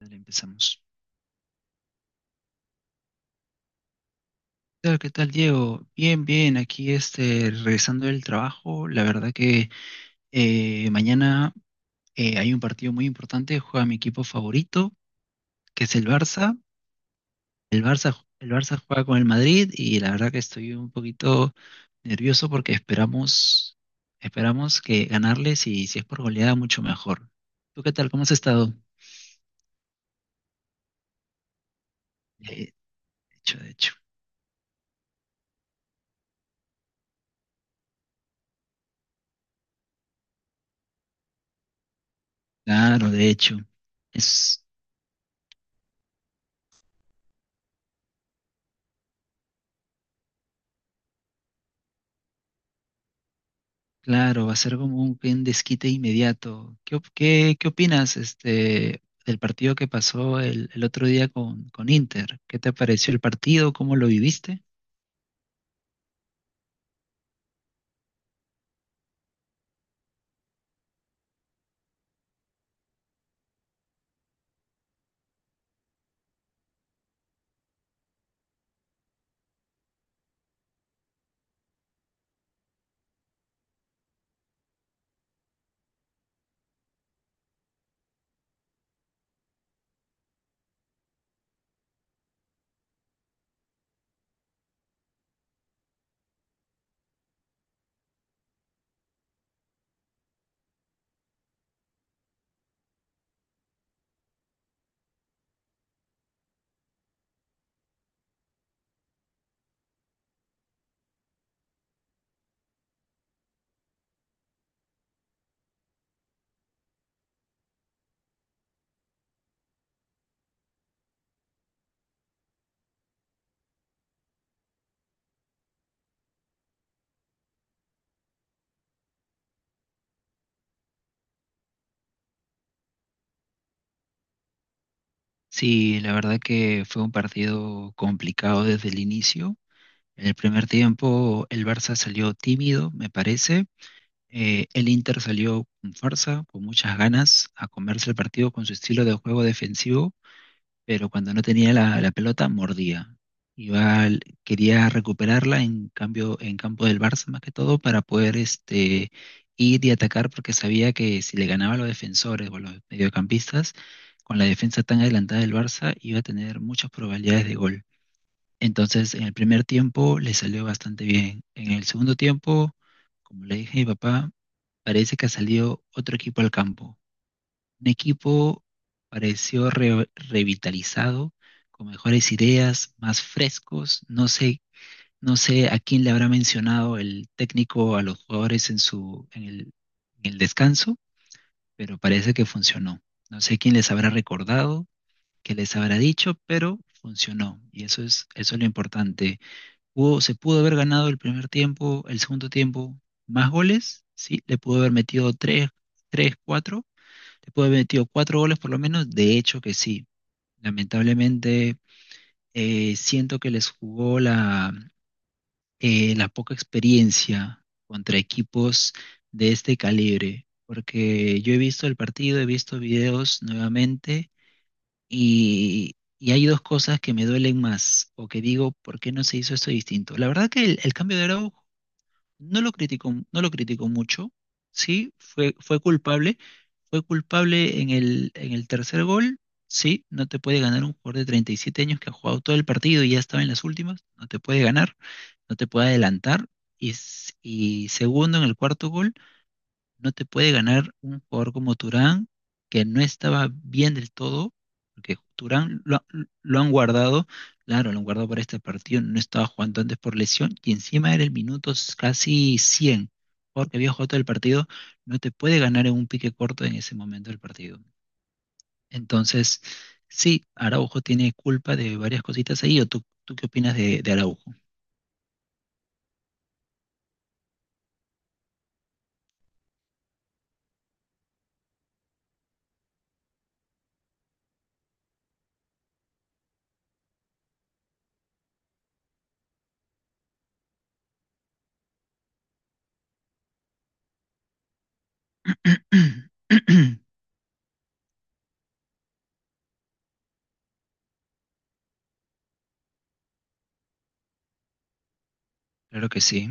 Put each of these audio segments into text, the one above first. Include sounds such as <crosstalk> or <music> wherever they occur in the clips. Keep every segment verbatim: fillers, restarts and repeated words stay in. Dale, empezamos. Hola, ¿Qué tal, Diego? Bien, bien, aquí este, regresando del trabajo. La verdad que eh, mañana eh, hay un partido muy importante, juega mi equipo favorito, que es el Barça. El Barça, el Barça juega con el Madrid y la verdad que estoy un poquito nervioso porque esperamos, esperamos que ganarles y si es por goleada, mucho mejor. ¿Tú qué tal? ¿Cómo has estado? Eh, De hecho, de hecho. Claro, de hecho. Claro, va a ser como un, un desquite inmediato. ¿Qué, op- qué, qué opinas este, del partido que pasó el, el otro día con, con Inter? ¿Qué te pareció el partido? ¿Cómo lo viviste? Sí, la verdad que fue un partido complicado desde el inicio. En el primer tiempo el Barça salió tímido, me parece. Eh, el Inter salió con fuerza, con muchas ganas, a comerse el partido con su estilo de juego defensivo, pero cuando no tenía la, la pelota, mordía. Iba al- quería recuperarla en cambio en campo del Barça, más que todo para poder este, ir y atacar, porque sabía que si le ganaba a los defensores o a los mediocampistas, con la defensa tan adelantada del Barça iba a tener muchas probabilidades de gol. Entonces, en el primer tiempo le salió bastante bien. En el segundo tiempo, como le dije a mi papá, parece que ha salido otro equipo al campo, un equipo pareció re- revitalizado, con mejores ideas, más frescos. No sé, no sé a quién le habrá mencionado el técnico a los jugadores en su, en el, en el descanso, pero parece que funcionó. No sé quién les habrá recordado, qué les habrá dicho, pero funcionó. Y eso es, eso es lo importante. Pudo- se pudo haber ganado el primer tiempo, el segundo tiempo, más goles, sí, le pudo haber metido tres, tres, cuatro, te puede haber metido cuatro goles por lo menos, de hecho que sí. Lamentablemente eh, siento que les jugó la, eh, la poca experiencia contra equipos de este calibre, porque yo he visto el partido, he visto videos nuevamente, y, y hay dos cosas que me duelen más o que digo, ¿por qué no se hizo esto distinto? La verdad que el, el cambio de Araujo no lo criticó, no lo criticó mucho. Sí, fue, fue culpable, fue culpable en el, en el tercer gol. Sí, no te puede ganar un jugador de treinta y siete años que ha jugado todo el partido y ya estaba en las últimas, no te puede ganar, no te puede adelantar, y, s- y segundo en el cuarto gol, no te puede ganar un jugador como Turán, que no estaba bien del todo, porque Turán lo, lo han guardado, claro, lo han guardado para este partido, no estaba jugando antes por lesión, y encima era el minuto casi cien, porque había jugado todo el partido, no te puede ganar en un pique corto en ese momento del partido. Entonces, sí, Araujo tiene culpa de varias cositas ahí. ¿O tú, tú qué opinas de, de Araujo? <coughs> <clears throat> Claro que sí,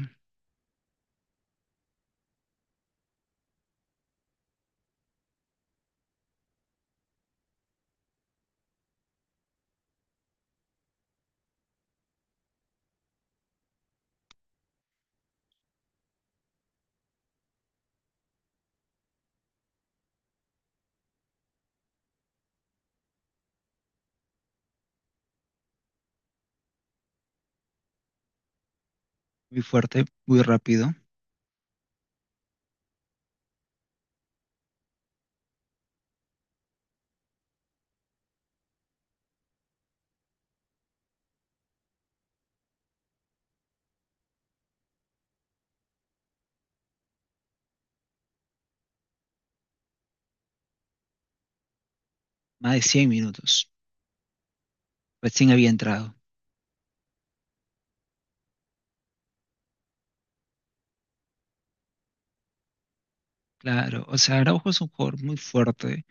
muy fuerte, muy rápido, más de cien minutos. Recién había entrado. Claro, o sea, Araujo es un jugador muy fuerte,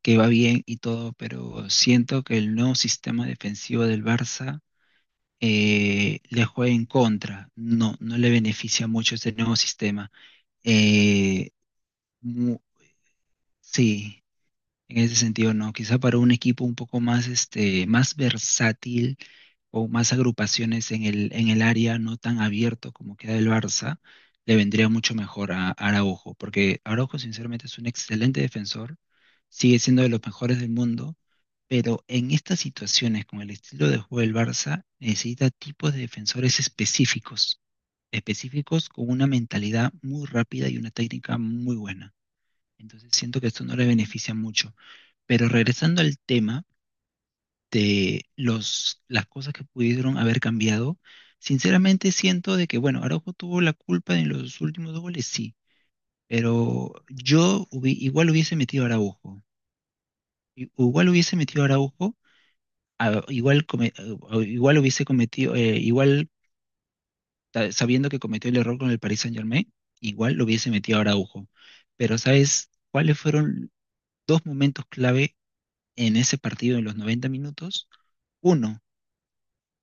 que va bien y todo, pero siento que el nuevo sistema defensivo del Barça eh, le juega en contra. No, no le beneficia mucho este nuevo sistema. Eh, mu- sí, en ese sentido no. Quizá para un equipo un poco más, este, más versátil, o más agrupaciones en el, en el área, no tan abierto como queda el Barça, le vendría mucho mejor a, a Araujo, porque Araujo sinceramente es un excelente defensor, sigue siendo de los mejores del mundo, pero en estas situaciones con el estilo de juego del Barça necesita tipos de defensores específicos, específicos con una mentalidad muy rápida y una técnica muy buena. Entonces, siento que esto no le beneficia mucho. Pero regresando al tema, de los, las cosas que pudieron haber cambiado. Sinceramente siento de que, bueno, Araujo tuvo la culpa en los últimos dos goles, sí, pero yo hubi- igual hubiese metido a Araujo. I- igual hubiese metido a Araujo. a- igual, come- a- Igual hubiese cometido, eh, igual ta- sabiendo que cometió el error con el Paris Saint-Germain, igual lo hubiese metido a Araujo. Pero ¿sabes cuáles fueron dos momentos clave en ese partido en los noventa minutos? uno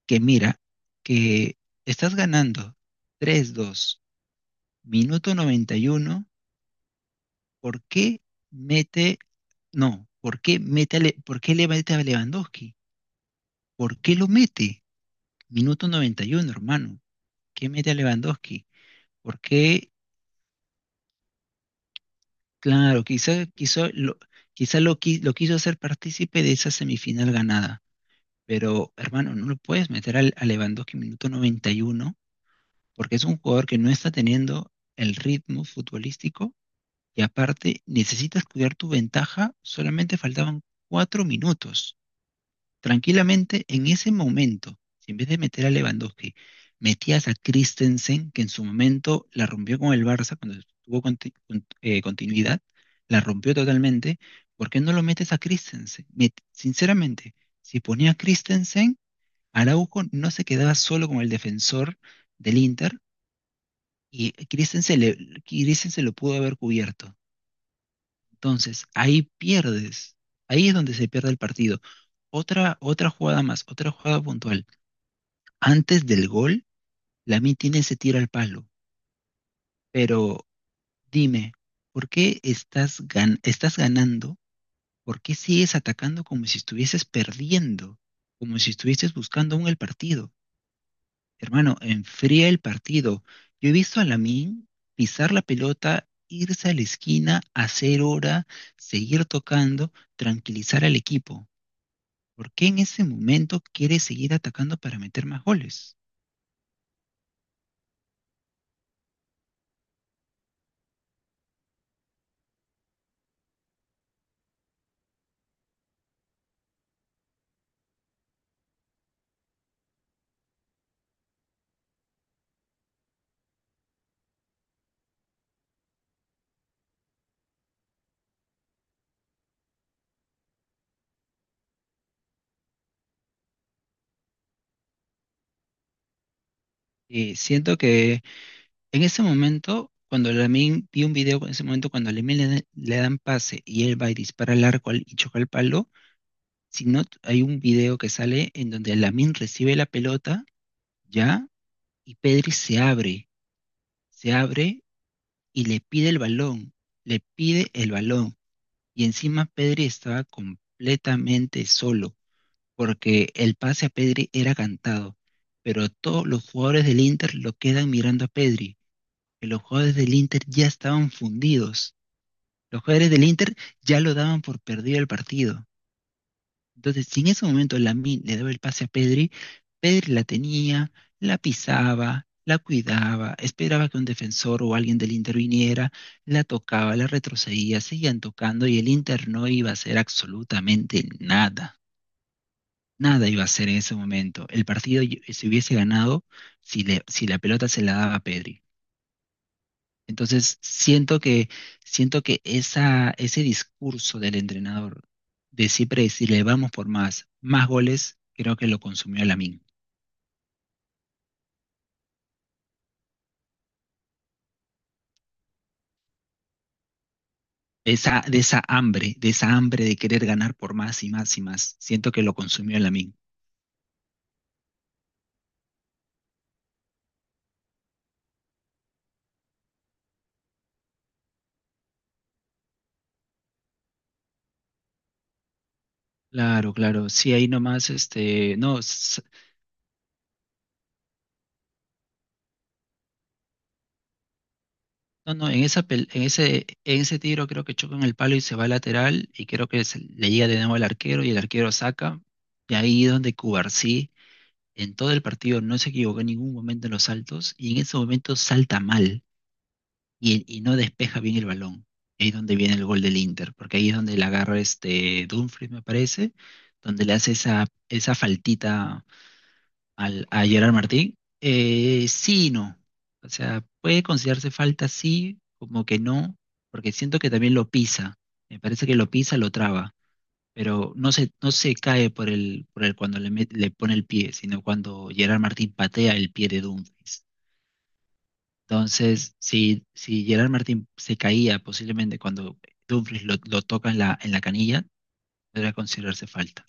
que mira que estás ganando tres dos, minuto noventa y uno, ¿por qué mete, no, por qué mete, a Le- por qué le mete a Lewandowski? ¿Por qué lo mete? Minuto noventa y uno, hermano. ¿Qué mete a Lewandowski? ¿Por qué? Claro, quizá, quiso lo, quizá lo, qui- lo quiso hacer partícipe de esa semifinal ganada, pero hermano, no lo puedes meter al- a Lewandowski minuto noventa y uno, porque es un jugador que no está teniendo el ritmo futbolístico. Y aparte, necesitas cuidar tu ventaja. Solamente faltaban cuatro minutos. Tranquilamente, en ese momento, si en vez de meter a Lewandowski, metías a Christensen, que en su momento la rompió con el Barça cuando tuvo conti- con- eh, continuidad, la rompió totalmente. ¿Por qué no lo metes a Christensen? Met- Sinceramente, si ponía a Christensen, Araujo no se quedaba solo con el defensor del Inter, y Christensen, le- Christensen lo pudo haber cubierto. Entonces, ahí pierdes. Ahí es donde se pierde el partido. Otra, otra jugada más, otra jugada puntual. Antes del gol, Lamine tiene ese tiro al palo. Pero dime, ¿por qué estás, gan- estás ganando? ¿Por qué sigues atacando como si estuvieses perdiendo? Como si estuvieses buscando aún el partido. Hermano, enfría el partido. Yo he visto a Lamine pisar la pelota, irse a la esquina, hacer hora, seguir tocando, tranquilizar al equipo. ¿Por qué en ese momento quiere seguir atacando para meter más goles? Y siento que en ese momento, cuando Lamine, vi un video en ese momento cuando a Lamine le, le dan pase y él va y dispara al arco, al- y choca el palo. Si no, t- hay un video que sale en donde Lamine recibe la pelota, ya, y Pedri se abre, se abre y le pide el balón, le pide el balón, y encima Pedri estaba completamente solo, porque el pase a Pedri era cantado, pero todos los jugadores del Inter lo quedan mirando a Pedri, que los jugadores del Inter ya estaban fundidos, los jugadores del Inter ya lo daban por perdido el partido. Entonces, si en ese momento Lamine le daba el pase a Pedri, Pedri la tenía, la pisaba, la cuidaba, esperaba que un defensor o alguien del Inter viniera, la tocaba, la retrocedía, seguían tocando y el Inter no iba a hacer absolutamente nada. Nada iba a hacer en ese momento. El partido y- se hubiese ganado si, le- si la pelota se la daba a Pedri. Entonces, siento que, siento que esa, ese discurso del entrenador de siempre decirle vamos por más, más goles, creo que lo consumió Lamine. Esa, de esa hambre, de esa hambre de querer ganar por más y más y más. Siento que lo consumió Lamine. Claro, claro. Sí, ahí nomás, este, no, no, no, en esa pel- en ese, en ese tiro creo que choca en el palo y se va lateral, y creo que se- le llega de nuevo al arquero y el arquero saca. Y ahí es donde Cubarsí, en todo el partido no se equivocó en ningún momento en los saltos, y en ese momento salta mal y, y no despeja bien el balón. Ahí es donde viene el gol del Inter, porque ahí es donde la agarra este Dumfries, me parece, donde le hace esa, esa faltita al, a Gerard Martín. Eh, sí y no. O sea, puede considerarse falta, sí, como que no, porque siento que también lo pisa. Me parece que lo pisa, lo traba, pero no se, no se cae por el, por el, cuando le, met- le pone el pie, sino cuando Gerard Martín patea el pie de Dumfries. Entonces, si, si Gerard Martín se caía posiblemente cuando Dumfries lo, lo toca en la, en la canilla, debería considerarse falta.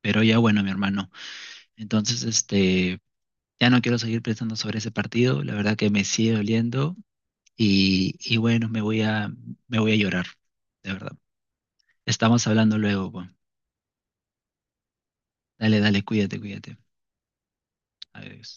Pero ya bueno, mi hermano. Entonces, este, ya no quiero seguir pensando sobre ese partido, la verdad que me sigue doliendo, y, y bueno, me voy a, me voy a llorar, de verdad. Estamos hablando luego, pues. Dale, dale, cuídate, cuídate. Adiós.